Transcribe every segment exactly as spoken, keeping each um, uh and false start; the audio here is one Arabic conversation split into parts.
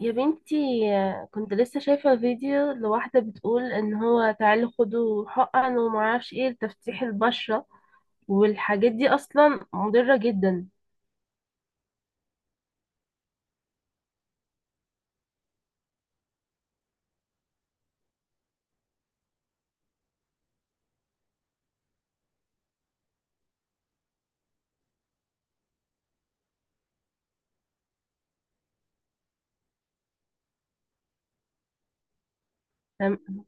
يا بنتي، كنت لسه شايفة فيديو لواحدة بتقول ان هو تعالوا خدوا حقن ومعرفش ايه لتفتيح البشرة، والحاجات دي اصلا مضرة جدا. فم-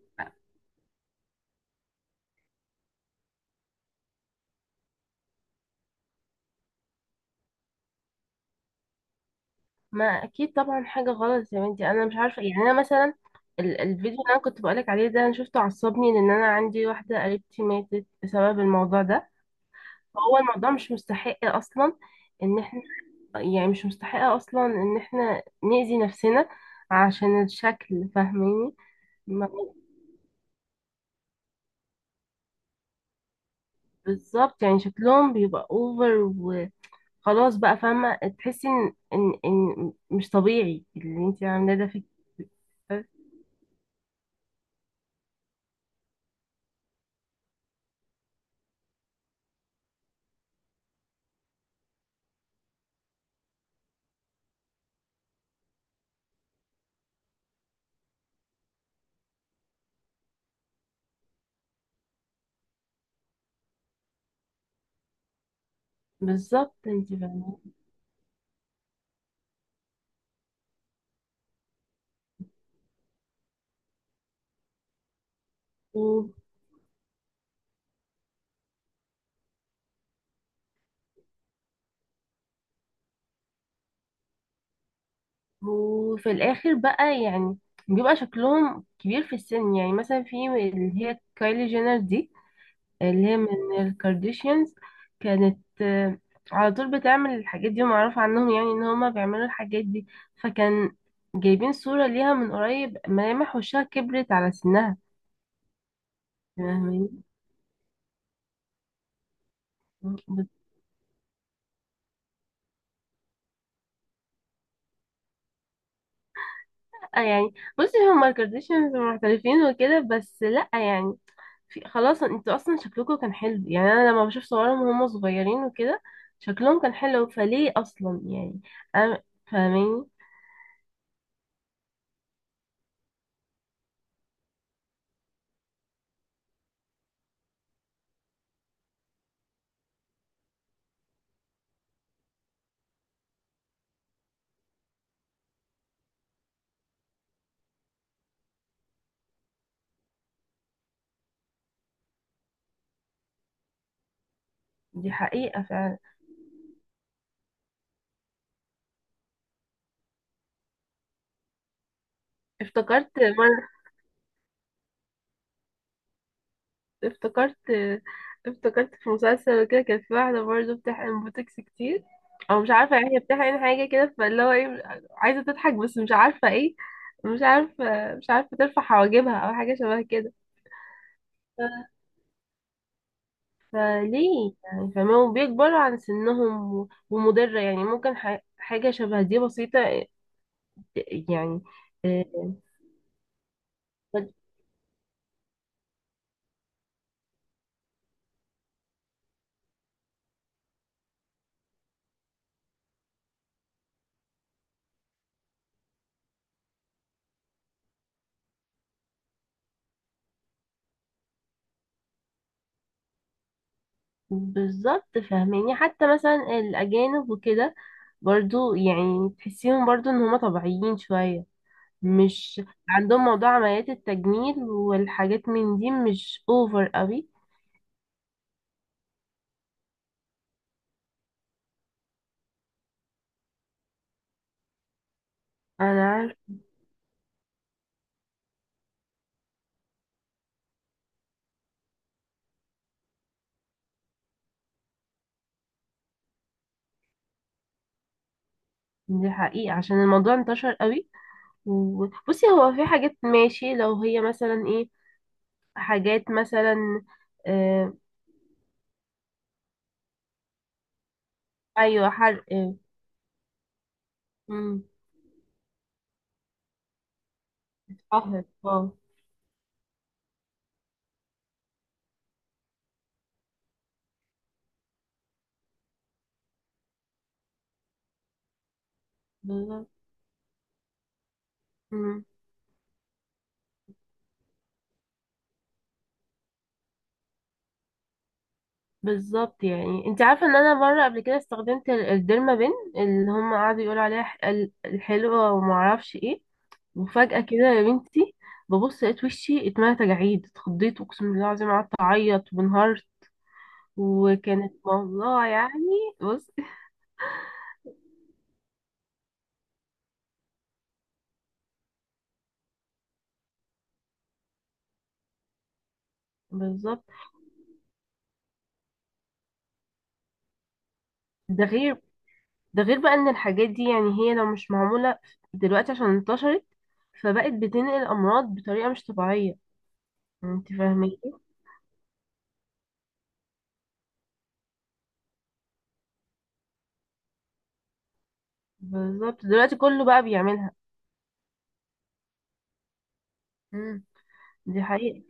ما اكيد طبعا حاجة غلط يا بنتي، انا مش عارفة إيه. يعني انا مثلا ال- الفيديو اللي انا كنت بقولك عليه ده انا شفته عصبني لان انا عندي واحدة قريبتي ماتت بسبب الموضوع ده. هو الموضوع مش مستحق اصلا ان احنا، يعني مش مستحق اصلا ان احنا نأذي نفسنا عشان الشكل، فاهماني؟ ما- بالظبط، يعني شكلهم بيبقى اوفر وخلاص بقى، فاهمة؟ تحسي ان ان ان مش طبيعي اللي انت عاملاه ده فيك. بالظبط، انت فاهمة. و- وفي الاخر بقى يعني بيبقى شكلهم كبير في السن، يعني مثلا في اللي هي كايلي جينر دي، اللي هي من الكارديشيانز، كانت آه، على طول بتعمل الحاجات دي، ومعروف عنهم يعني ان هما بيعملوا الحاجات دي. فكان جايبين صورة ليها من قريب، ملامح وشها كبرت على سنها. فاهماني؟ بت- آه، يعني بصي، هما الكارديشيانز محترفين وكده، بس لأ يعني، في خلاص، انتوا اصلا شكلكم كان حلو. يعني انا لما بشوف صورهم وهم صغيرين وكده، شكلهم كان حلو، فليه اصلا يعني؟ انا فاهماني؟ دي حقيقة فعلا. افتكرت مرة، افتكرت افتكرت في مسلسل كده كان في واحدة برضه بتحقن بوتوكس كتير، او مش عارفة يعني هي بتحقن حاجة كده، فاللي هو ايه، عايزة تضحك بس مش عارفة ايه، مش عارفة مش عارفة ترفع حواجبها او حاجة شبه كده. ف- فليه يعني؟ فما وبيكبروا عن سنهم و- ومضرة يعني، ممكن ح- حاجة شبه دي بسيطة يعني. آه، بالظبط، فاهماني؟ حتى مثلا الأجانب وكده برضو يعني تحسيهم برضو ان هما طبيعيين شوية، مش عندهم موضوع عمليات التجميل والحاجات من دي مش اوفر قوي. انا عارف. دي حقيقة، عشان الموضوع انتشر قوي. وبصي، هو في حاجات ماشي، لو هي مثلا ايه، حاجات مثلا آه. ايوه حرق. امم. اه، آه، بالظبط. مم. بالظبط، يعني انت عارفه ان انا مره قبل كده استخدمت ال- الديرما بين، اللي هم قعدوا يقولوا عليها ح- ال- الحلوه وما اعرفش ايه، وفجأة كده يا بنتي ببص لقيت وشي اتملى تجاعيد، اتخضيت، اقسم بالله العظيم قعدت اعيط وانهارت. وكانت والله يعني، بص. بالظبط. ده غير، ده غير بقى ان الحاجات دي يعني هي لو مش معمولة دلوقتي، عشان انتشرت فبقت بتنقل امراض بطريقة مش طبيعية، انت فاهمة؟ بالظبط، دلوقتي كله بقى بيعملها. مم. دي حقيقة.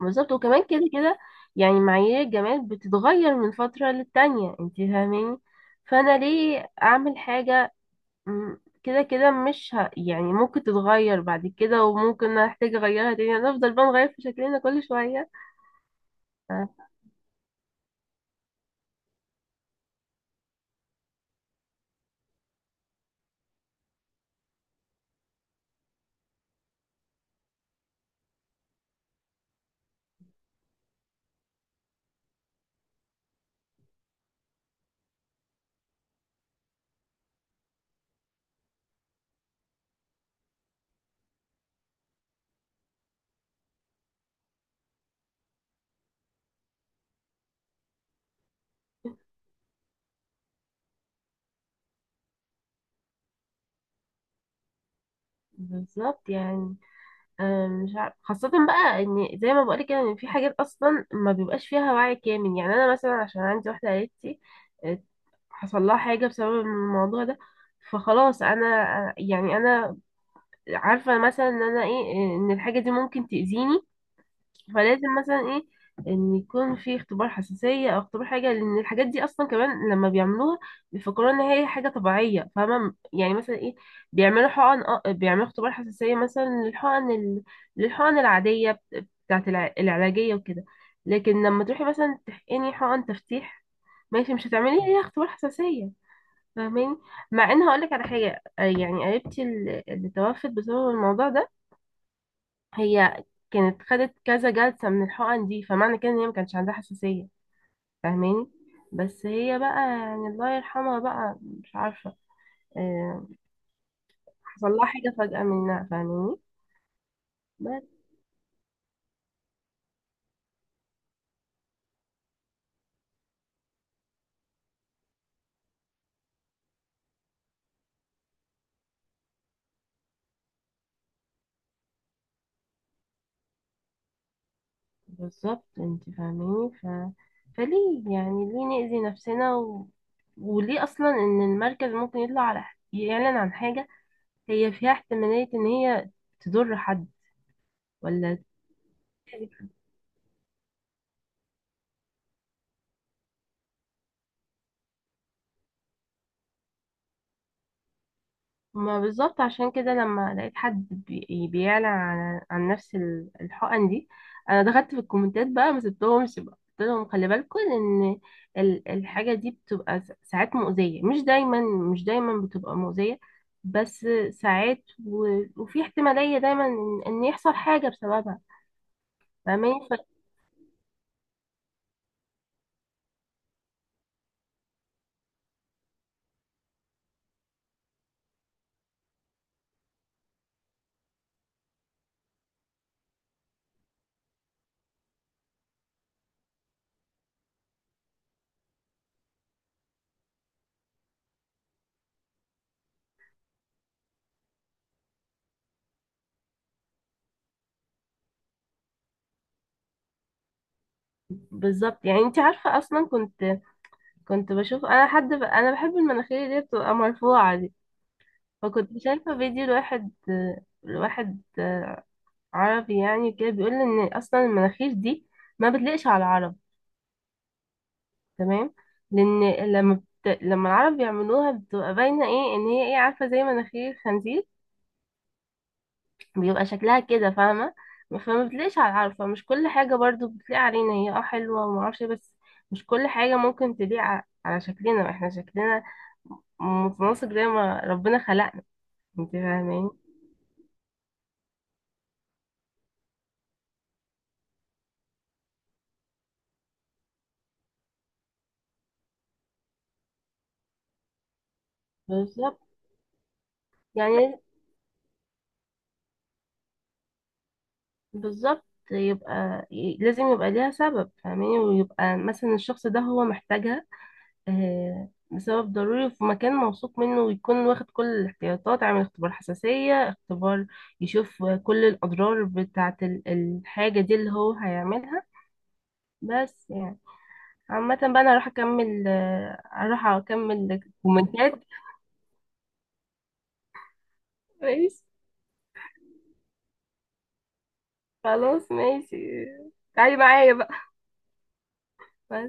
بالظبط، وكمان كده كده يعني معايير الجمال بتتغير من فترة للتانية، انت فاهماني؟ فانا ليه اعمل حاجة؟ مم. كده كده مش ه... يعني ممكن تتغير بعد كده، وممكن احتاج اغيرها تاني، يعني هنفضل بقى نغير في شكلنا كل شوية. آه، بالظبط يعني. آه، مش عارف، خاصة بقى ان زي ما بقولك كده ان في حاجات اصلا ما بيبقاش فيها وعي كامل. يعني انا مثلا عشان عندي واحدة قريبتي آه، حصل لها حاجة بسبب الموضوع ده. فخلاص انا، آه، يعني انا عارفة مثلا ان انا ايه، آه، ان الحاجة دي ممكن تأذيني. فلازم مثلا ايه، ان يكون في اختبار حساسية او اختبار حاجة، لان الحاجات دي اصلا كمان لما بيعملوها بيفكروا ان هي حاجة طبيعية. فاهمة يعني؟ مثلا ايه، بيعملوا حقن، اه بيعملوا اختبار حساسية مثلا للحقن ال- للحقن العادية بت- بتاعت الع- العلاجية وكده، لكن لما تروحي مثلا تحقني حقن تفتيح، ماشي مش هتعملي ليها اختبار حساسية. فاهماني؟ مع ان هقولك على حاجة، آه، يعني قريبتي اللي اللي توفت بسبب الموضوع ده، هي كانت خدت كذا جلسة من الحقن دي، فمعنى كده ان هي ما كانش عندها حساسية. فاهماني؟ بس هي بقى يعني الله يرحمها بقى، مش عارفة، آه، حصل لها حاجة فجأة منها، فاهماني؟ بس بالظبط، انت فاهماني؟ ف... فليه يعني؟ ليه نأذي نفسنا؟ و... وليه اصلا ان المركز ممكن يطلع على، يعلن عن حاجة هي فيها احتمالية ان هي تضر حد، ولا؟ ما بالظبط، عشان كده لما لقيت حد بي- يعني بيعلن عن عن نفس ال- الحقن دي، انا دخلت في الكومنتات بقى، ما سبتهمش بقى، قلت لهم خلي بالكم ان ال- الحاجه دي بتبقى س- ساعات مؤذيه، مش دايما، مش دايما بتبقى مؤذيه، بس ساعات. و... وفي احتماليه دايما ان إن يحصل حاجه بسببها. فاهماني؟ ف- بالظبط، يعني انت عارفه اصلا كنت، كنت بشوف انا حد ب... انا بحب المناخير اللي هي بتبقى مرفوعه دي، فكنت شايفه فيديو لواحد، لواحد عربي يعني كده بيقول ان اصلا المناخير دي ما بتليقش على العرب، تمام؟ لان لما بت... لما العرب بيعملوها بتبقى باينه ايه، ان هي ايه، عارفه، زي مناخير خنزير بيبقى شكلها كده، فاهمه؟ فما بتليقش على العرب. فمش كل حاجه برضو بتليق علينا، هي اه حلوه وما اعرفش إيه، بس مش كل حاجه ممكن تليق ع- على شكلنا، احنا شكلنا متناسق زي ما ربنا خلقنا، انت فاهمين؟ بالظبط يعني. بالظبط، يبقى ي- لازم يبقى ليها سبب، فاهماني؟ ويبقى مثلا الشخص ده هو محتاجها، آه، لسبب ضروري، في مكان موثوق منه، ويكون واخد كل الاحتياطات، عامل اختبار حساسية، اختبار يشوف كل الأضرار بتاعة ال- الحاجة دي اللي هو هيعملها. بس يعني عامة بقى، أنا هروح أكمل، آه، هروح أكمل كومنتات. ماشي، خلاص ماشي، تعالي معايا بقى.